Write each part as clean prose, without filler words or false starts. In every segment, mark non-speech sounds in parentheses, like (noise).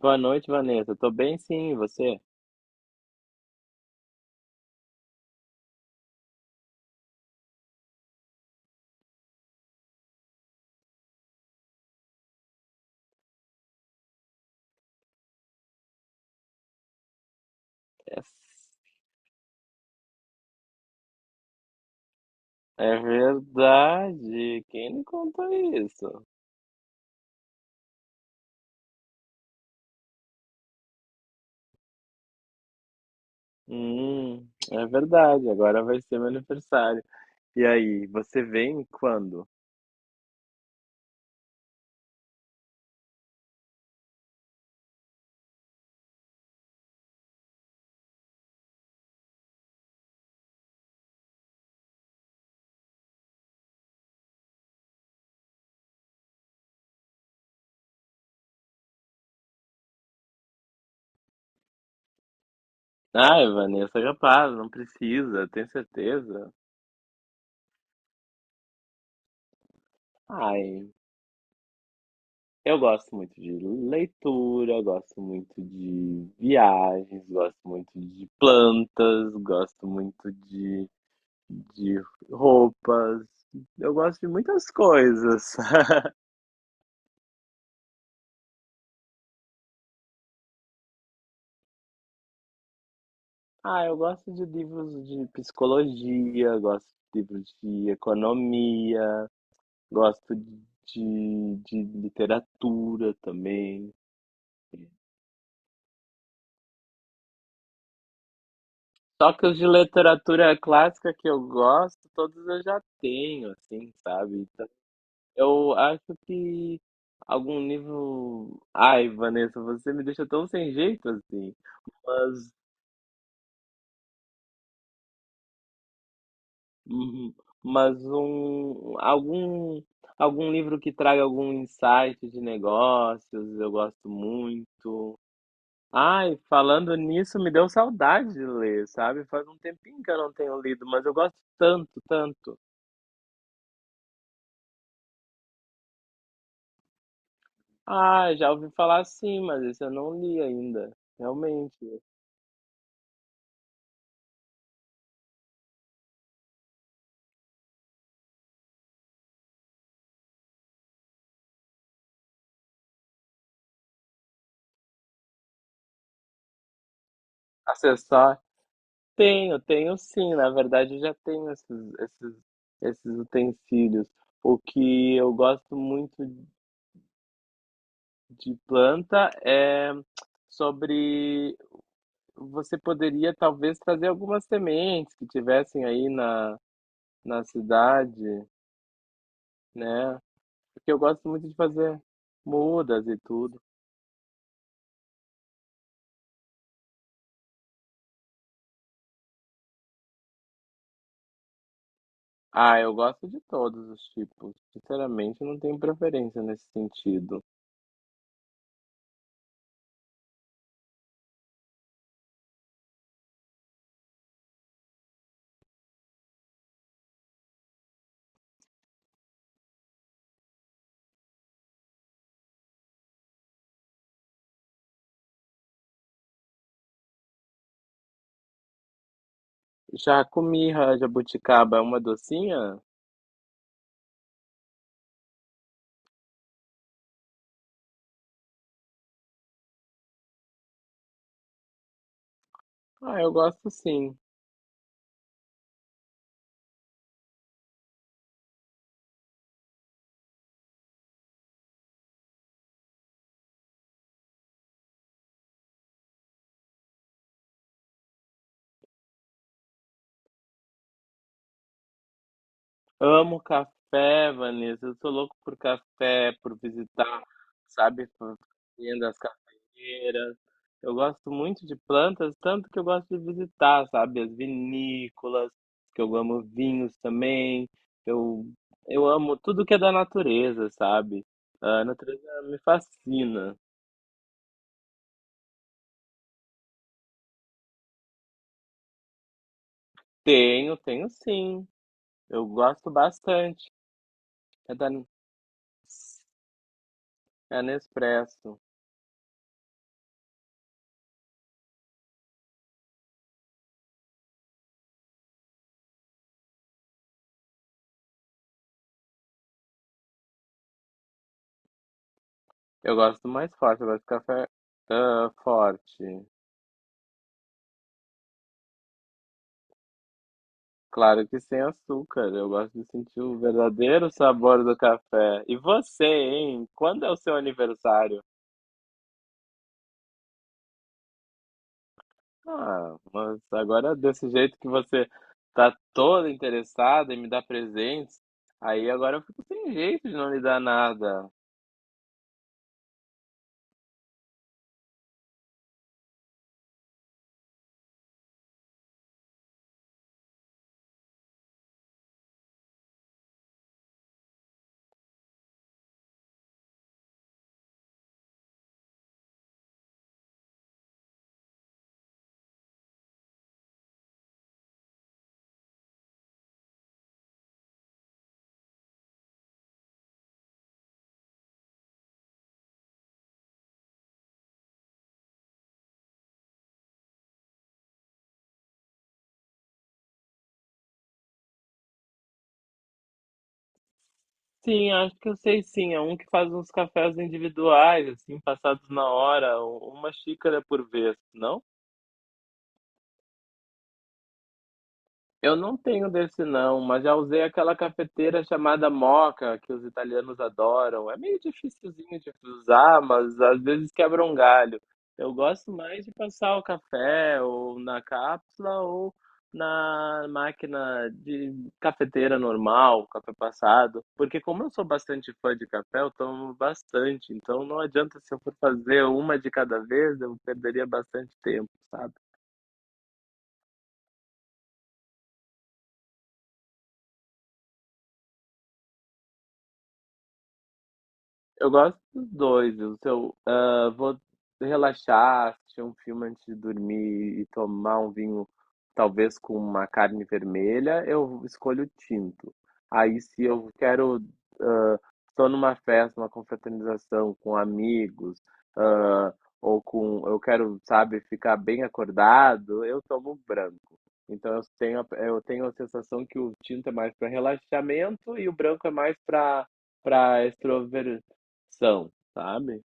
Boa noite, Vanessa. Tô bem, sim, e você? É, é verdade. Quem me contou isso? Hum, é verdade. Agora vai ser meu aniversário. E aí, você vem quando? Ai, Vanessa, capaz, não precisa, tem certeza? Ai, eu gosto muito de leitura, gosto muito de viagens, gosto muito de plantas, gosto muito de roupas. Eu gosto de muitas coisas. (laughs) Ah, eu gosto de livros de psicologia, gosto de livros de economia, gosto de literatura também. Só que os de literatura clássica que eu gosto, todos eu já tenho, assim, sabe? Então, eu acho que algum livro. Ai, Vanessa, você me deixa tão sem jeito assim. Mas. Uhum. Mas algum livro que traga algum insight de negócios, eu gosto muito. Ai, falando nisso, me deu saudade de ler, sabe? Faz um tempinho que eu não tenho lido, mas eu gosto tanto, tanto. Ah, já ouvi falar sim, mas esse eu não li ainda. Realmente. Acessar? Tenho, tenho sim. Na verdade, eu já tenho esses utensílios. O que eu gosto muito de planta é sobre você poderia talvez trazer algumas sementes que tivessem aí na, na cidade, né? Porque eu gosto muito de fazer mudas e tudo. Ah, eu gosto de todos os tipos. Sinceramente, não tenho preferência nesse sentido. Já comi jabuticaba, é uma docinha? Ah, eu gosto sim. Amo café, Vanessa. Eu sou louco por café, por visitar, sabe, fazendas, cafeeiras. Eu gosto muito de plantas, tanto que eu gosto de visitar, sabe, as vinícolas, que eu amo vinhos também. Eu, eu amo tudo que é da natureza, sabe? A natureza me fascina. Tenho, tenho sim. Eu gosto bastante. É da, é Nespresso. Eu gosto mais forte, eu gosto de café forte. Claro que sem açúcar. Eu gosto de sentir o verdadeiro sabor do café. E você, hein? Quando é o seu aniversário? Ah, mas agora desse jeito que você tá toda interessada em me dar presentes, aí agora eu fico sem jeito de não lhe dar nada. Sim, acho que eu sei sim. É um que faz uns cafés individuais, assim, passados na hora, uma xícara por vez, não? Eu não tenho desse não, mas já usei aquela cafeteira chamada Moca, que os italianos adoram. É meio dificilzinho de usar, mas às vezes quebra um galho. Eu gosto mais de passar o café ou na cápsula ou na máquina de cafeteira normal, café passado, porque como eu sou bastante fã de café, eu tomo bastante, então não adianta se eu for fazer uma de cada vez, eu perderia bastante tempo, sabe? Eu gosto dos dois. Vou relaxar, assistir um filme antes de dormir e tomar um vinho, talvez com uma carne vermelha, eu escolho tinto. Aí, se eu quero, ah, estou numa festa, uma confraternização com amigos, ah, eu quero, sabe, ficar bem acordado, eu tomo um branco. Então, eu tenho a sensação que o tinto é mais para relaxamento e o branco é mais para são, sabe?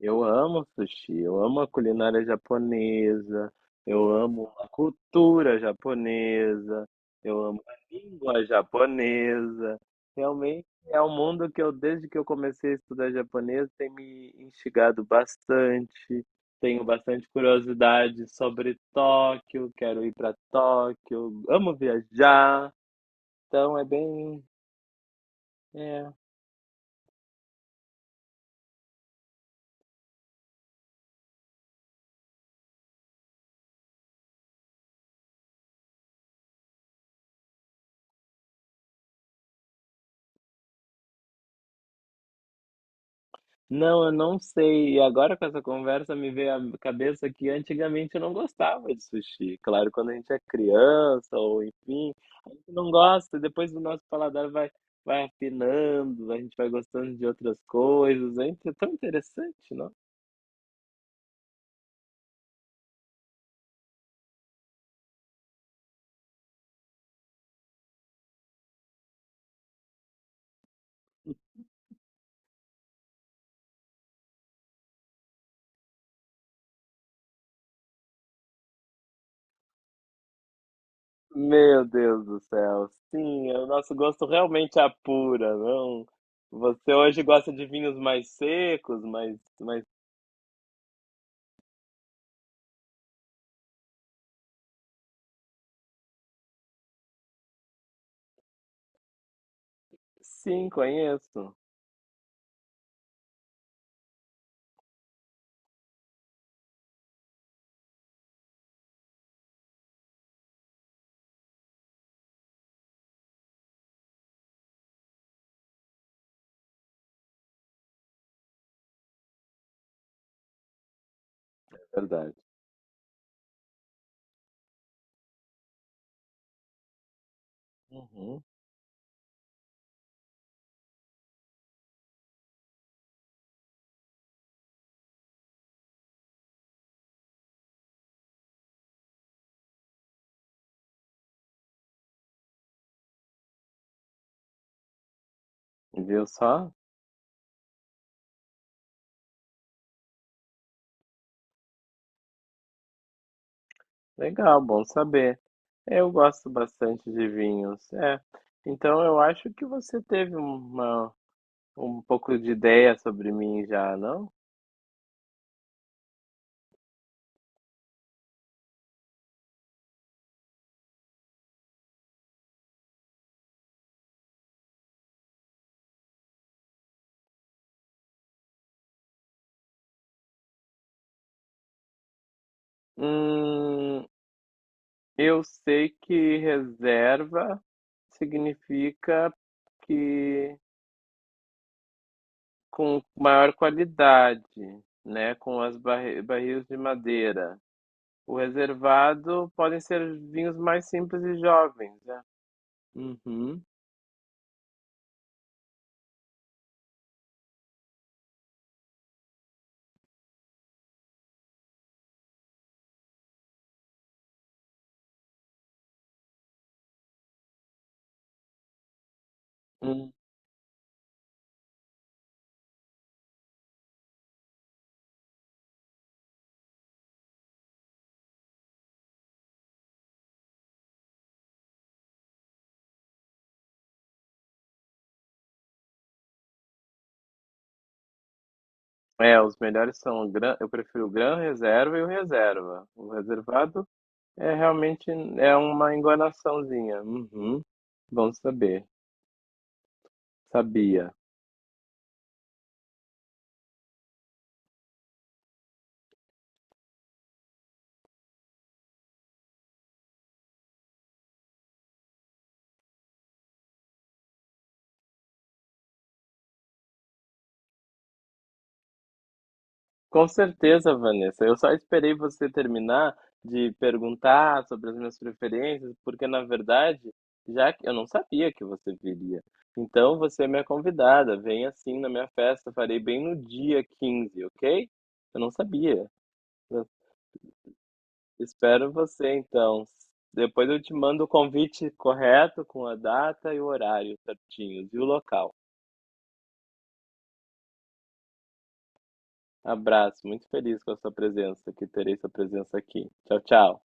Eu amo sushi, eu amo a culinária japonesa, eu amo a cultura japonesa, eu amo a língua japonesa. Realmente é um mundo que eu, desde que eu comecei a estudar japonês, tem me instigado bastante. Tenho bastante curiosidade sobre Tóquio, quero ir para Tóquio, amo viajar. Então é bem, é Não, eu não sei. E agora com essa conversa me veio à cabeça que antigamente eu não gostava de sushi. Claro, quando a gente é criança ou enfim, a gente não gosta, e depois o nosso paladar vai afinando, a gente vai gostando de outras coisas. Tão interessante, não? Meu Deus do céu. Sim, é o nosso gosto realmente apura, não? Você hoje gosta de vinhos mais secos, mais mais sim, conheço. Verdade. Uhum. Viu só? Legal, bom saber. Eu gosto bastante de vinhos. É, então eu acho que você teve um pouco de ideia sobre mim já, não? Hum, eu sei que reserva significa que com maior qualidade, né? Com as barris de madeira. O reservado podem ser vinhos mais simples e jovens, né? Uhum. É, os melhores são o gran eu prefiro o Gran Reserva e o Reserva. O reservado é realmente é uma enganaçãozinha. Uhum. Bom saber. Sabia. Com certeza, Vanessa. Eu só esperei você terminar de perguntar sobre as minhas preferências, porque na verdade, já que eu não sabia que você viria. Então você é minha convidada. Vem assim na minha festa. Farei bem no dia 15, ok? Eu não sabia. Espero você então. Depois eu te mando o convite correto, com a data e o horário certinhos e o local. Abraço, muito feliz com a sua presença, que terei sua presença aqui. Tchau, tchau.